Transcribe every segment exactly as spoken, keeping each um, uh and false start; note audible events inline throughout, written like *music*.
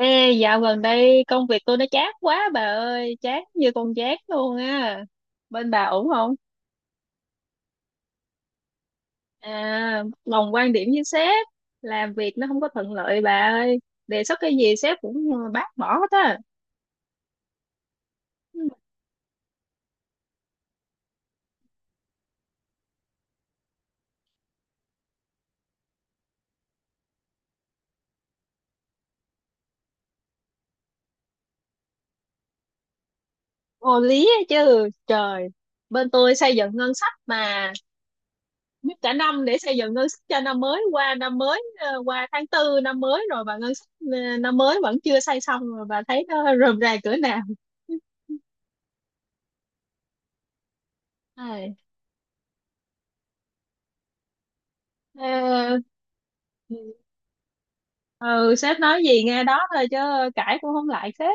Ê, dạo gần đây công việc tôi nó chát quá bà ơi, chát như con chát luôn á. Bên bà ổn không? À, đồng quan điểm với sếp, làm việc nó không có thuận lợi bà ơi. Đề xuất cái gì sếp cũng bác bỏ hết á. Vô lý á chứ, trời. Bên tôi xây dựng ngân sách mà mất cả năm để xây dựng ngân sách cho năm mới qua năm mới ờ, qua tháng tư năm mới rồi mà ngân sách ờ, năm mới vẫn chưa xây xong rồi bà thấy nó rườm rà cỡ nào. Ai, ờ, ừ, sếp nói gì nghe đó thôi chứ cãi cũng không lại sếp.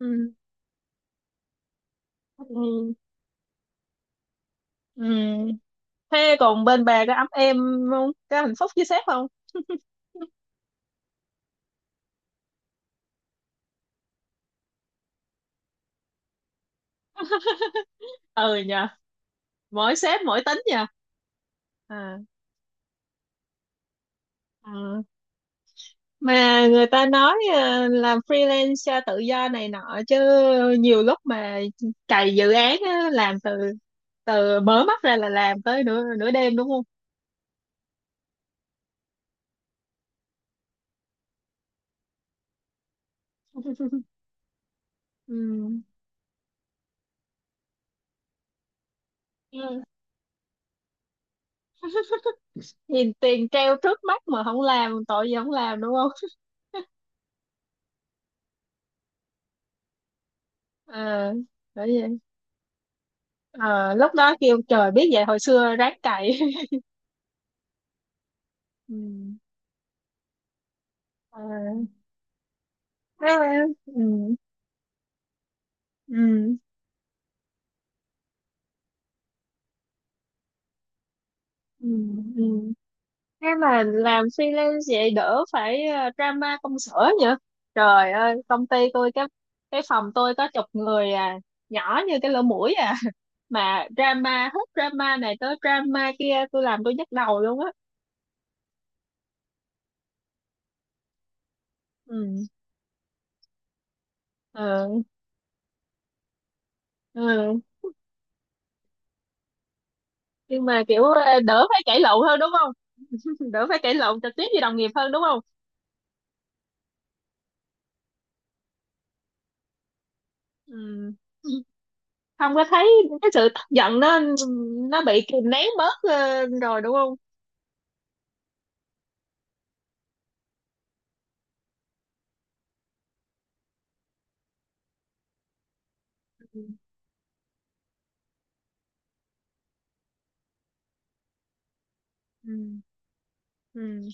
Ừ, ừ. Ừ. Thế còn bên bà có ấm em không, có hạnh phúc với sếp không? Ừ nhờ, mỗi sếp mỗi tính nhờ. À, à. Mà người ta nói à, làm freelance tự do này nọ chứ nhiều lúc mà cày dự án á, làm từ từ mở mắt ra là làm tới nửa nửa đêm đúng không. Ừ. Ừ, nhìn tiền treo trước mắt mà không làm tội gì không làm đúng. À, bởi vậy. À, lúc đó kêu trời biết vậy hồi xưa ráng cày *laughs* ừ. À. Thế là- ừ. Ừ. Ừ. Ừ. Thế mà làm freelance vậy đỡ phải ờ, drama công sở nhỉ. Trời ơi công ty tôi cái cái phòng tôi có chục người à, nhỏ như cái lỗ mũi à, mà drama hết drama này tới drama kia tôi làm tôi nhức đầu luôn á. Ừ. Ờ, ừ. Nhưng mà kiểu ờ, đỡ phải cãi lộn hơn đúng không, đỡ phải cãi lộn trực tiếp với đồng nghiệp hơn đúng không. Ừ. Không có thấy cái sự tức giận nó nó bị kìm nén bớt ờ, rồi đúng không. Ừ. Ừ. Ừ.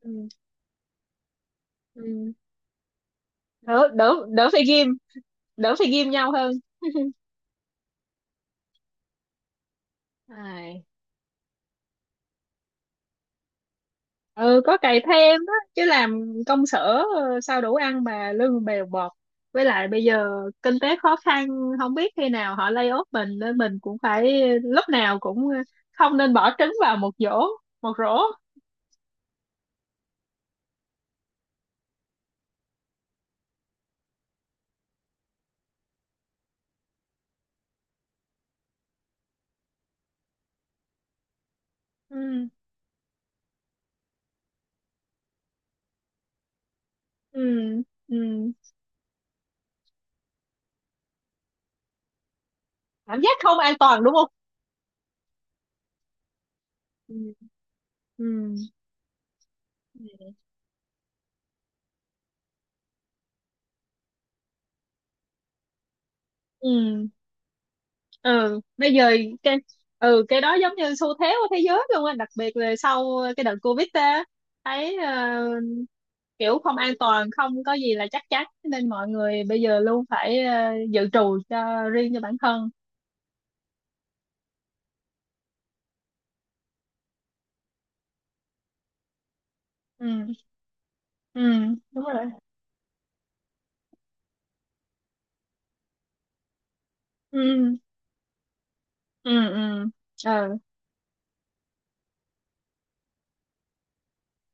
Ừ. Ừ. đỡ đỡ đỡ phải ghim, đỡ phải ghim nhau hơn. À. Ừ, có cày thêm đó chứ làm công sở ờ, sao đủ ăn mà lương bèo bọt, với lại bây giờ kinh tế khó khăn không biết khi nào họ lay off mình nên mình cũng phải lúc nào cũng ờ, không nên bỏ trứng vào một giỏ, một rổ. Ừ, ừ, ừ, cảm giác không an toàn đúng không. Ừ, ừ, ừ, ừ. Bây giờ cái ừ cái đó giống như xu thế của thế giới luôn á, đặc biệt là sau cái đợt Covid á, thấy ờ, kiểu không an toàn không có gì là chắc chắn nên mọi người bây giờ luôn phải ờ, dự trù cho riêng cho bản thân. Ừ, ừ, đúng rồi. Ừ, ừ, ừ, ừ,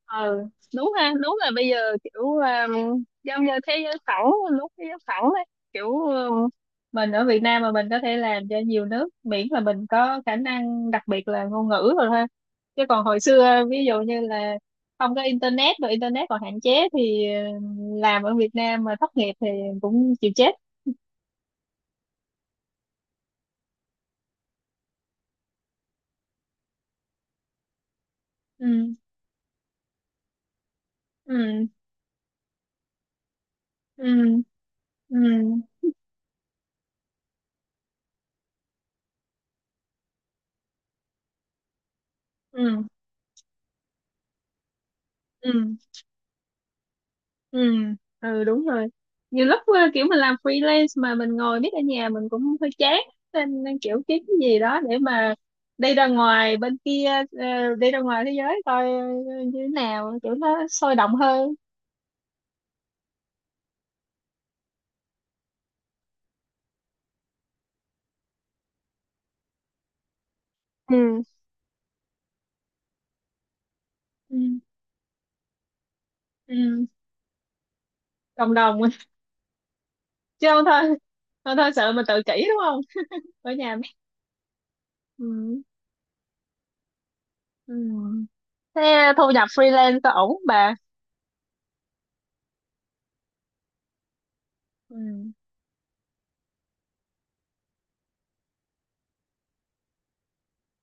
ừ. Đúng ha, đúng là bây giờ kiểu um, giống như thế giới phẳng, lúc thế giới phẳng đấy kiểu um, mình ở Việt Nam mà mình có thể làm cho nhiều nước miễn là mình có khả năng đặc biệt là ngôn ngữ rồi ha. Chứ còn hồi xưa ví dụ như là không có internet và internet còn hạn chế thì um, làm ở Việt Nam mà thất nghiệp thì cũng chịu chết. Ừ, ừ, ừ, ừ, ừ, ừ, ừ, ừ, đúng rồi. Nhiều lúc ờ, kiểu mình làm freelance mà mình ngồi biết ở nhà mình cũng hơi chán, nên, nên kiểu kiếm cái gì đó để mà đi ra ngoài bên kia, ờ, đi ra ngoài thế giới coi ờ, như thế nào kiểu nó sôi động hơn. Ừ. Ừ, ừ, cộng đồng *laughs* chứ không thôi không thôi sợ mình tự kỷ đúng không, ở nhà. Ừ, ừ. Thế thu nhập freelance có ổn không bà? Ừ.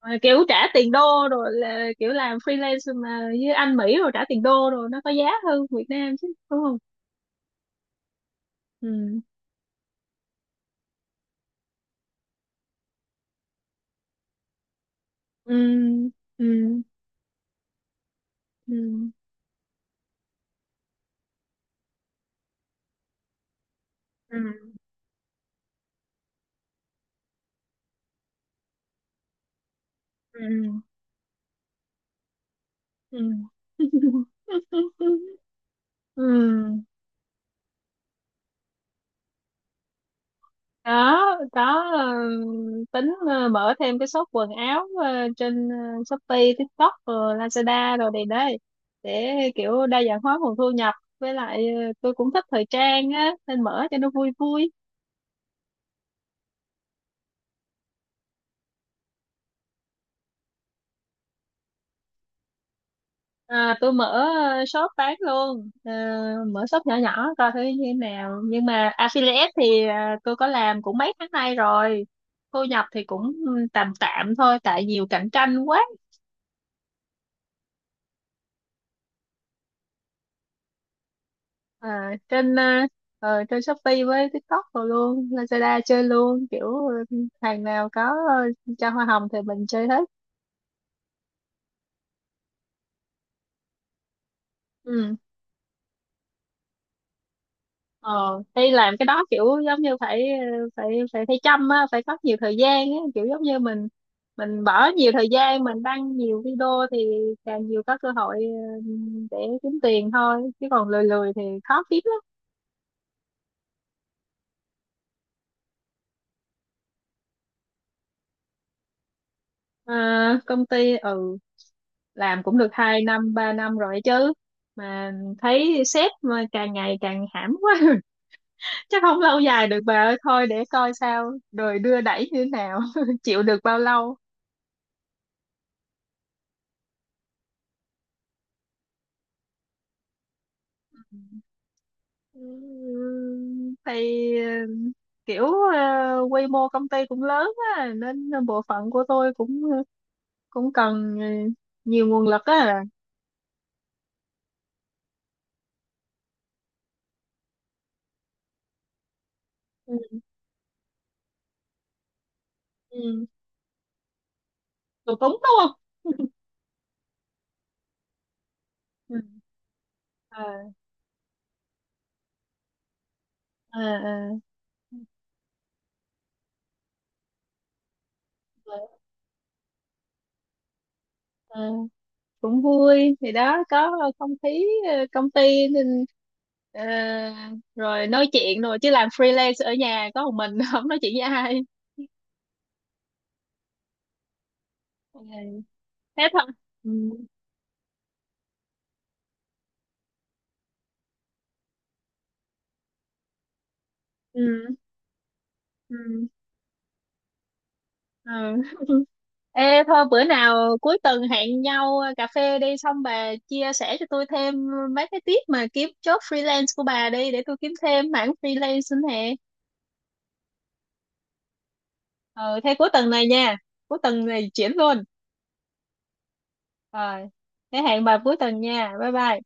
Ờ, kiểu trả tiền đô, rồi là kiểu làm freelance mà với anh Mỹ rồi trả tiền đô rồi nó có giá hơn Việt Nam chứ đúng không. Ừ, ừ, ừ, ừ, ừ, ừ, ừ *laughs* ừ. Đó, đó, ờ, tính ờ, mở thêm cái shop quần áo ờ, trên ờ, Shopee, TikTok rồi Lazada rồi này đây, để kiểu đa dạng hóa nguồn thu nhập với lại ờ, tôi cũng thích thời trang á nên mở cho nó vui vui. À, tôi mở ờ, shop bán luôn. Ờ, Mở shop nhỏ nhỏ coi thử như thế nào, nhưng mà affiliate thì ờ, tôi có làm cũng mấy tháng nay rồi, thu nhập thì cũng tạm tạm thôi tại nhiều cạnh tranh quá. À, trên ờ, ờ, trên Shopee với TikTok rồi luôn Lazada chơi luôn, kiểu ờ, hàng nào có ờ, cho hoa hồng thì mình chơi hết. Ừ. ờ Hay làm cái đó kiểu giống như phải, phải phải phải chăm á, phải có nhiều thời gian á kiểu giống như mình mình bỏ nhiều thời gian mình đăng nhiều video thì càng nhiều có cơ hội, ừ, để kiếm tiền thôi chứ còn lười lười thì khó kiếm lắm. À, công ty ừ làm cũng được hai năm ba năm rồi chứ, mà thấy sếp mà càng ngày càng hãm quá *laughs* chắc không lâu dài được bà ơi thôi để coi sao đời đưa đẩy như thế nào *laughs* chịu được bao lâu. Ừm, thì ờ, kiểu ờ, quy mô công ty cũng lớn á nên bộ phận của tôi cũng cũng cần ờ, nhiều nguồn lực á. Ừ, ừ. Tụi Túng đúng không? Ừ. À, à, à, à, à. Cũng vui thì đó có không khí ờ, công ty nên ờ, rồi nói chuyện rồi, chứ làm freelance ở nhà có một mình *laughs* không nói chuyện với ai. Ừ, thế thôi. Ừ, ừ, ừ. Ừ. Ê thôi bữa nào cuối tuần hẹn nhau cà phê đi, xong bà chia sẻ cho tôi thêm mấy cái tip mà kiếm job freelance của bà đi để tôi kiếm thêm mảng freelance nữa nè. Ừ thế cuối tuần này nha. Cuối tuần này chuyển luôn. Rồi. Thế hẹn bà cuối tuần nha. Bye bye.